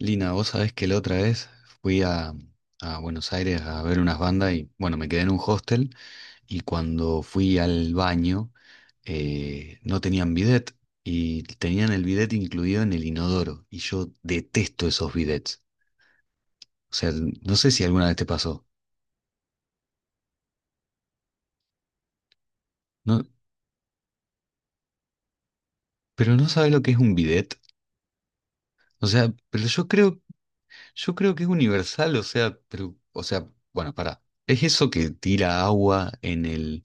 Lina, vos sabés que la otra vez fui a Buenos Aires a ver unas bandas y bueno, me quedé en un hostel y cuando fui al baño, no tenían bidet y tenían el bidet incluido en el inodoro y yo detesto esos bidets. O sea, no sé si alguna vez te pasó. No, pero no sabes lo que es un bidet. O sea, pero yo creo que es universal, o sea, pero, o sea, bueno, pará. Es eso que tira agua en el,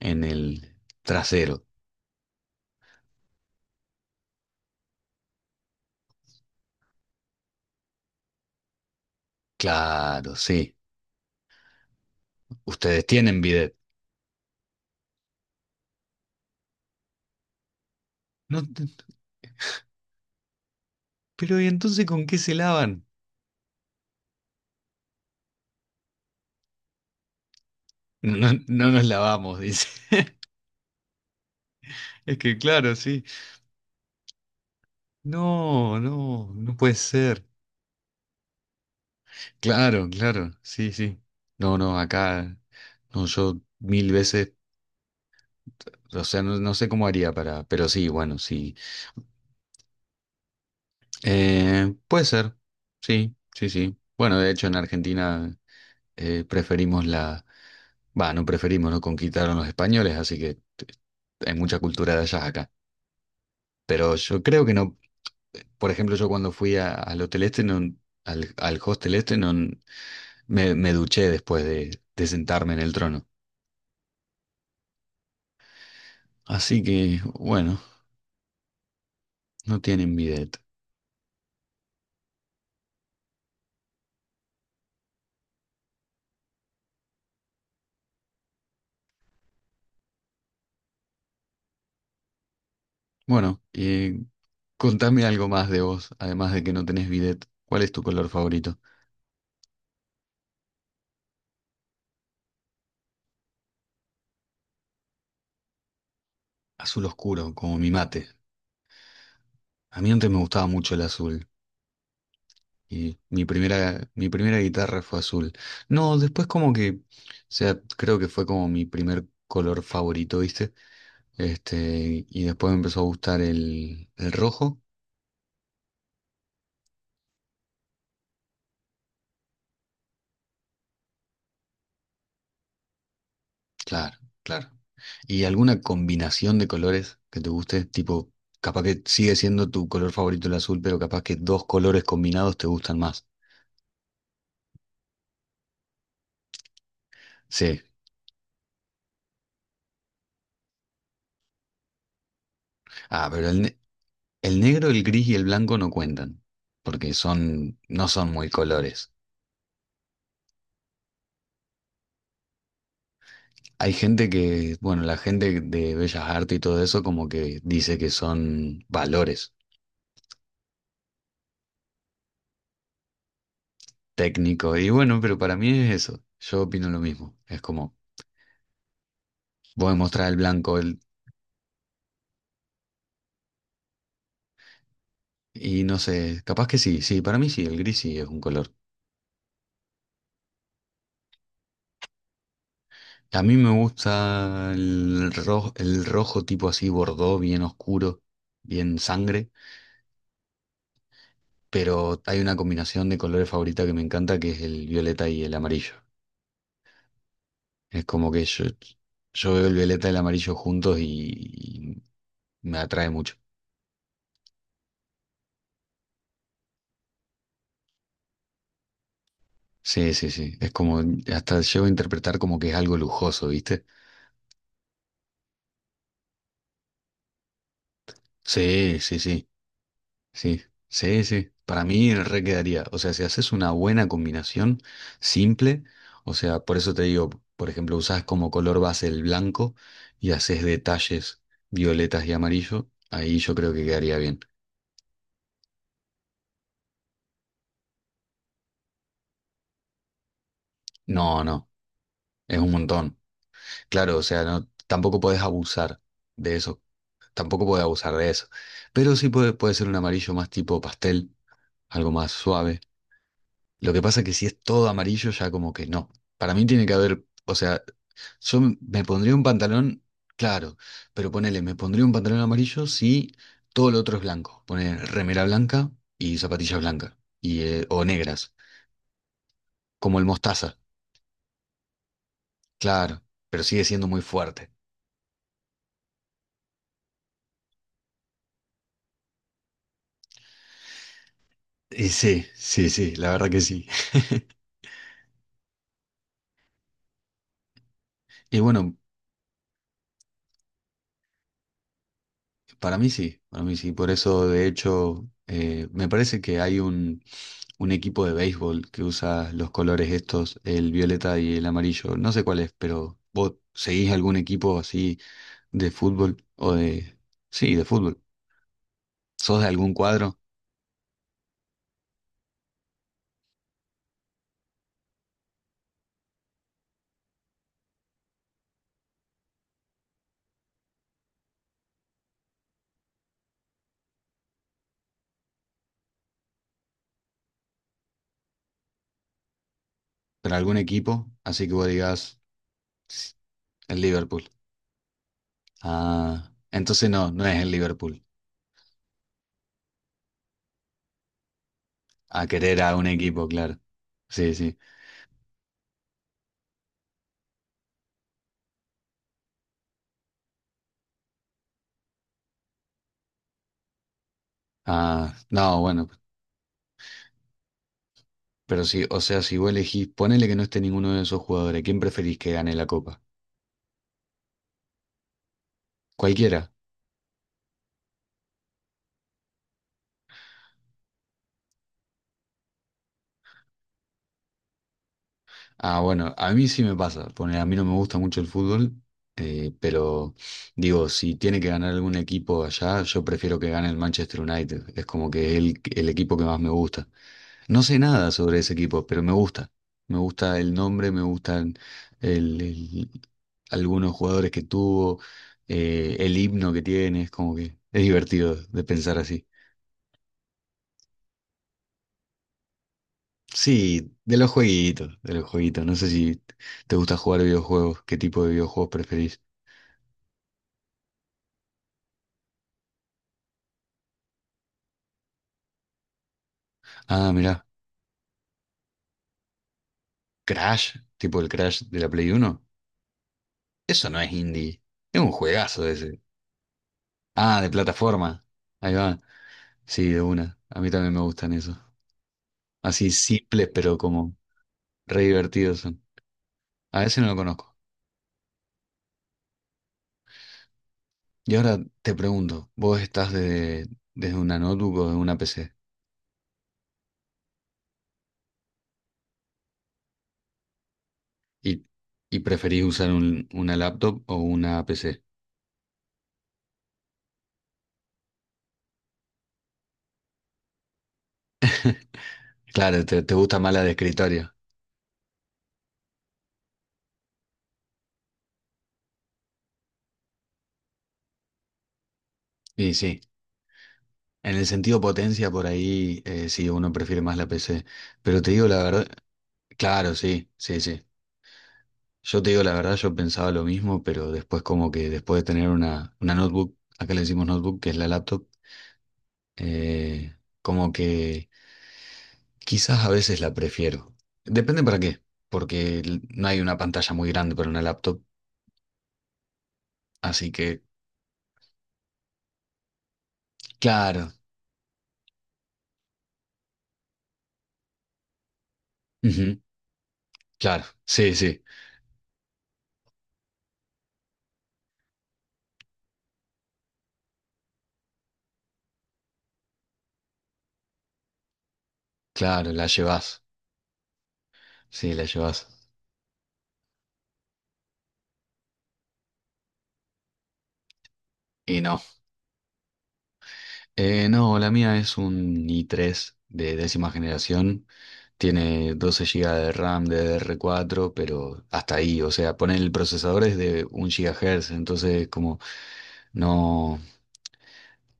en el trasero. Claro, sí. Ustedes tienen bidet. No, pero ¿y entonces con qué se lavan? No, no nos lavamos, dice. Es que claro, sí. No, no, no puede ser. Claro, claro, sí, sí. No, no, acá, no, yo mil veces, o sea, no, no sé cómo haría para, pero sí, bueno, sí. Puede ser, sí, sí, sí. Bueno, de hecho en Argentina, preferimos la... Va, no preferimos, ¿no? Conquistaron los españoles, así que hay mucha cultura de allá acá. Pero yo creo que no, por ejemplo, yo cuando fui al hotel este, no, al hostel este, no, me duché después de sentarme en el trono. Así que, bueno, no tienen bidet. Bueno, contame algo más de vos, además de que no tenés bidet. ¿Cuál es tu color favorito? Azul oscuro, como mi mate. A mí antes me gustaba mucho el azul. Y mi primera guitarra fue azul. No, después como que, o sea, creo que fue como mi primer color favorito, ¿viste? Este, y después me empezó a gustar el rojo. Claro, claro. ¿Y alguna combinación de colores que te guste? Tipo, capaz que sigue siendo tu color favorito el azul, pero capaz que dos colores combinados te gustan más. Sí. Ah, pero el negro, el gris y el blanco no cuentan, porque son, no son muy colores. Hay gente que, bueno, la gente de Bellas Artes y todo eso como que dice que son valores técnicos. Y bueno, pero para mí es eso. Yo opino lo mismo. Es como, voy a mostrar el blanco, el, y no sé, capaz que sí, sí, para mí sí, el gris sí es un color. A mí me gusta el rojo tipo así, bordó, bien oscuro, bien sangre, pero hay una combinación de colores favorita que me encanta que es el violeta y el amarillo. Es como que yo veo el violeta y el amarillo juntos y me atrae mucho. Sí, sí, sí. Es como, hasta llego a interpretar como que es algo lujoso, ¿viste? Sí, sí, sí, sí, sí, sí. Para mí re quedaría. O sea, si haces una buena combinación, simple, o sea, por eso te digo, por ejemplo, usás como color base el blanco y haces detalles violetas y amarillo, ahí yo creo que quedaría bien. No, no, es un montón. Claro, o sea, no, tampoco podés abusar de eso, tampoco podés abusar de eso. Pero sí puede, puede ser un amarillo más tipo pastel, algo más suave. Lo que pasa es que si es todo amarillo, ya como que no. Para mí tiene que haber, o sea, yo me pondría un pantalón, claro, pero ponele, me pondría un pantalón amarillo si todo lo otro es blanco. Poner remera blanca y zapatillas blancas, y, o negras, como el mostaza, claro, pero sigue siendo muy fuerte. Y sí, sí, sí, la verdad que sí. Y bueno, para mí sí, para mí sí. Por eso, de hecho, me parece que hay un equipo de béisbol que usa los colores estos, el violeta y el amarillo. No sé cuál es, pero ¿vos seguís algún equipo así de fútbol o de...? Sí, de fútbol. ¿Sos de algún cuadro, pero algún equipo? Así que vos digas: "Ss, el Liverpool". Ah, entonces no, no es el Liverpool. A querer a un equipo, claro. Sí, sí. Ah, no, bueno. Pero sí, o sea, si vos elegís, ponele que no esté ninguno de esos jugadores, ¿quién preferís que gane la copa? Cualquiera. Ah, bueno, a mí sí me pasa, ponele, a mí no me gusta mucho el fútbol, pero digo, si tiene que ganar algún equipo allá, yo prefiero que gane el Manchester United, es como que es el equipo que más me gusta. No sé nada sobre ese equipo, pero me gusta. Me gusta el nombre, me gustan el- el- algunos jugadores que tuvo, el himno que tiene, es como que es divertido de pensar así. Sí, de los jueguitos, de los jueguitos. No sé si te gusta jugar videojuegos, qué tipo de videojuegos preferís. Ah, mirá, Crash, tipo el Crash de la Play Uno. Eso no es indie, es un juegazo ese. Ah, de plataforma. Ahí va. Sí, de una. A mí también me gustan esos. Así simples, pero como re divertidos son. A ese no lo conozco. Y ahora te pregunto, ¿vos estás desde una notebook o de una PC y, y preferís usar una laptop o una PC? Claro, te gusta más la de escritorio. Y sí, en el sentido potencia por ahí, sí, uno prefiere más la PC. Pero te digo la verdad, claro, sí, sí, sí. Yo te digo la verdad, yo pensaba lo mismo, pero después como que después de tener una notebook, acá le decimos notebook, que es la laptop, eh, como que quizás a veces la prefiero. Depende para qué, porque no hay una pantalla muy grande para una laptop. Así que, claro, ujú, claro, sí, sí, claro, la llevas. Sí, la llevas. Y no. No, la mía es un i3 de décima generación. Tiene 12 gigas de RAM de DDR4, pero hasta ahí. O sea, poner el procesador es de un GHz. Entonces, como no.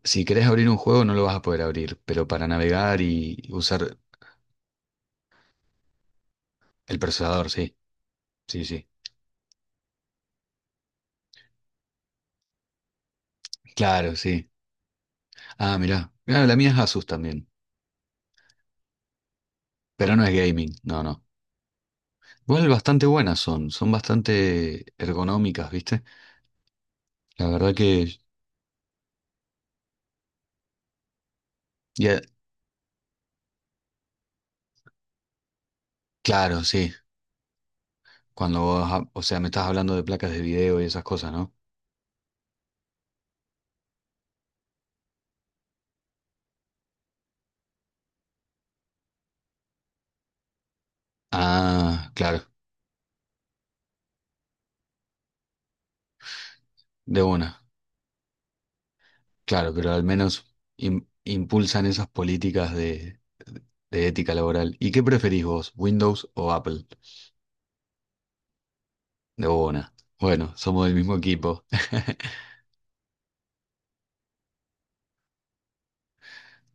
Si querés abrir un juego, no lo vas a poder abrir. Pero para navegar y usar el procesador, sí. Sí, sí. Claro, sí. Ah, mirá. Mirá, la mía es Asus también. Pero no es gaming. No, no. Igual bastante buenas son. Son bastante ergonómicas, ¿viste? La verdad que. Y a- Claro, sí. Cuando vos, o sea, me estás hablando de placas de video y esas cosas, ¿no? Ah, claro, de una. Claro, pero al menos impulsan esas políticas de, ética laboral. ¿Y qué preferís vos, Windows o Apple? De una. Bueno, somos del mismo equipo.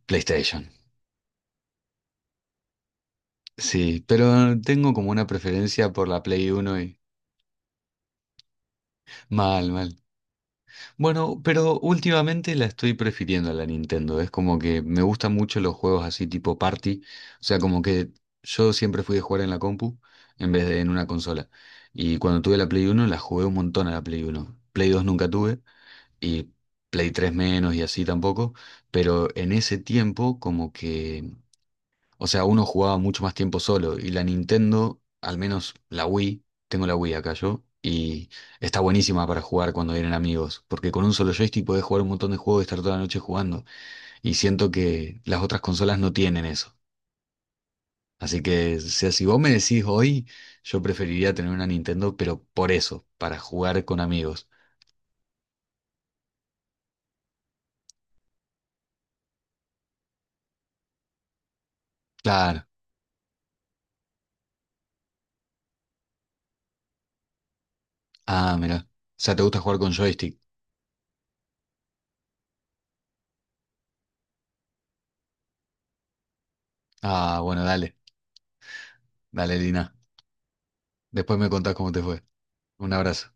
PlayStation. Sí, pero tengo como una preferencia por la Play 1 y... Mal, mal. Bueno, pero últimamente la estoy prefiriendo a la Nintendo. Es como que me gustan mucho los juegos así tipo party. O sea, como que yo siempre fui de jugar en la compu en vez de en una consola. Y cuando tuve la Play 1 la jugué un montón a la Play 1, Play 2 nunca tuve y Play 3 menos y así tampoco. Pero en ese tiempo como que, o sea, uno jugaba mucho más tiempo solo y la Nintendo, al menos la Wii, tengo la Wii acá yo, y está buenísima para jugar cuando vienen amigos, porque con un solo joystick podés jugar un montón de juegos y estar toda la noche jugando, y siento que las otras consolas no tienen eso. Así que, o sea, si vos me decís hoy, yo preferiría tener una Nintendo, pero por eso, para jugar con amigos. Claro. Ah, mira. O sea, ¿te gusta jugar con joystick? Ah, bueno, dale. Dale, Lina. Después me contás cómo te fue. Un abrazo.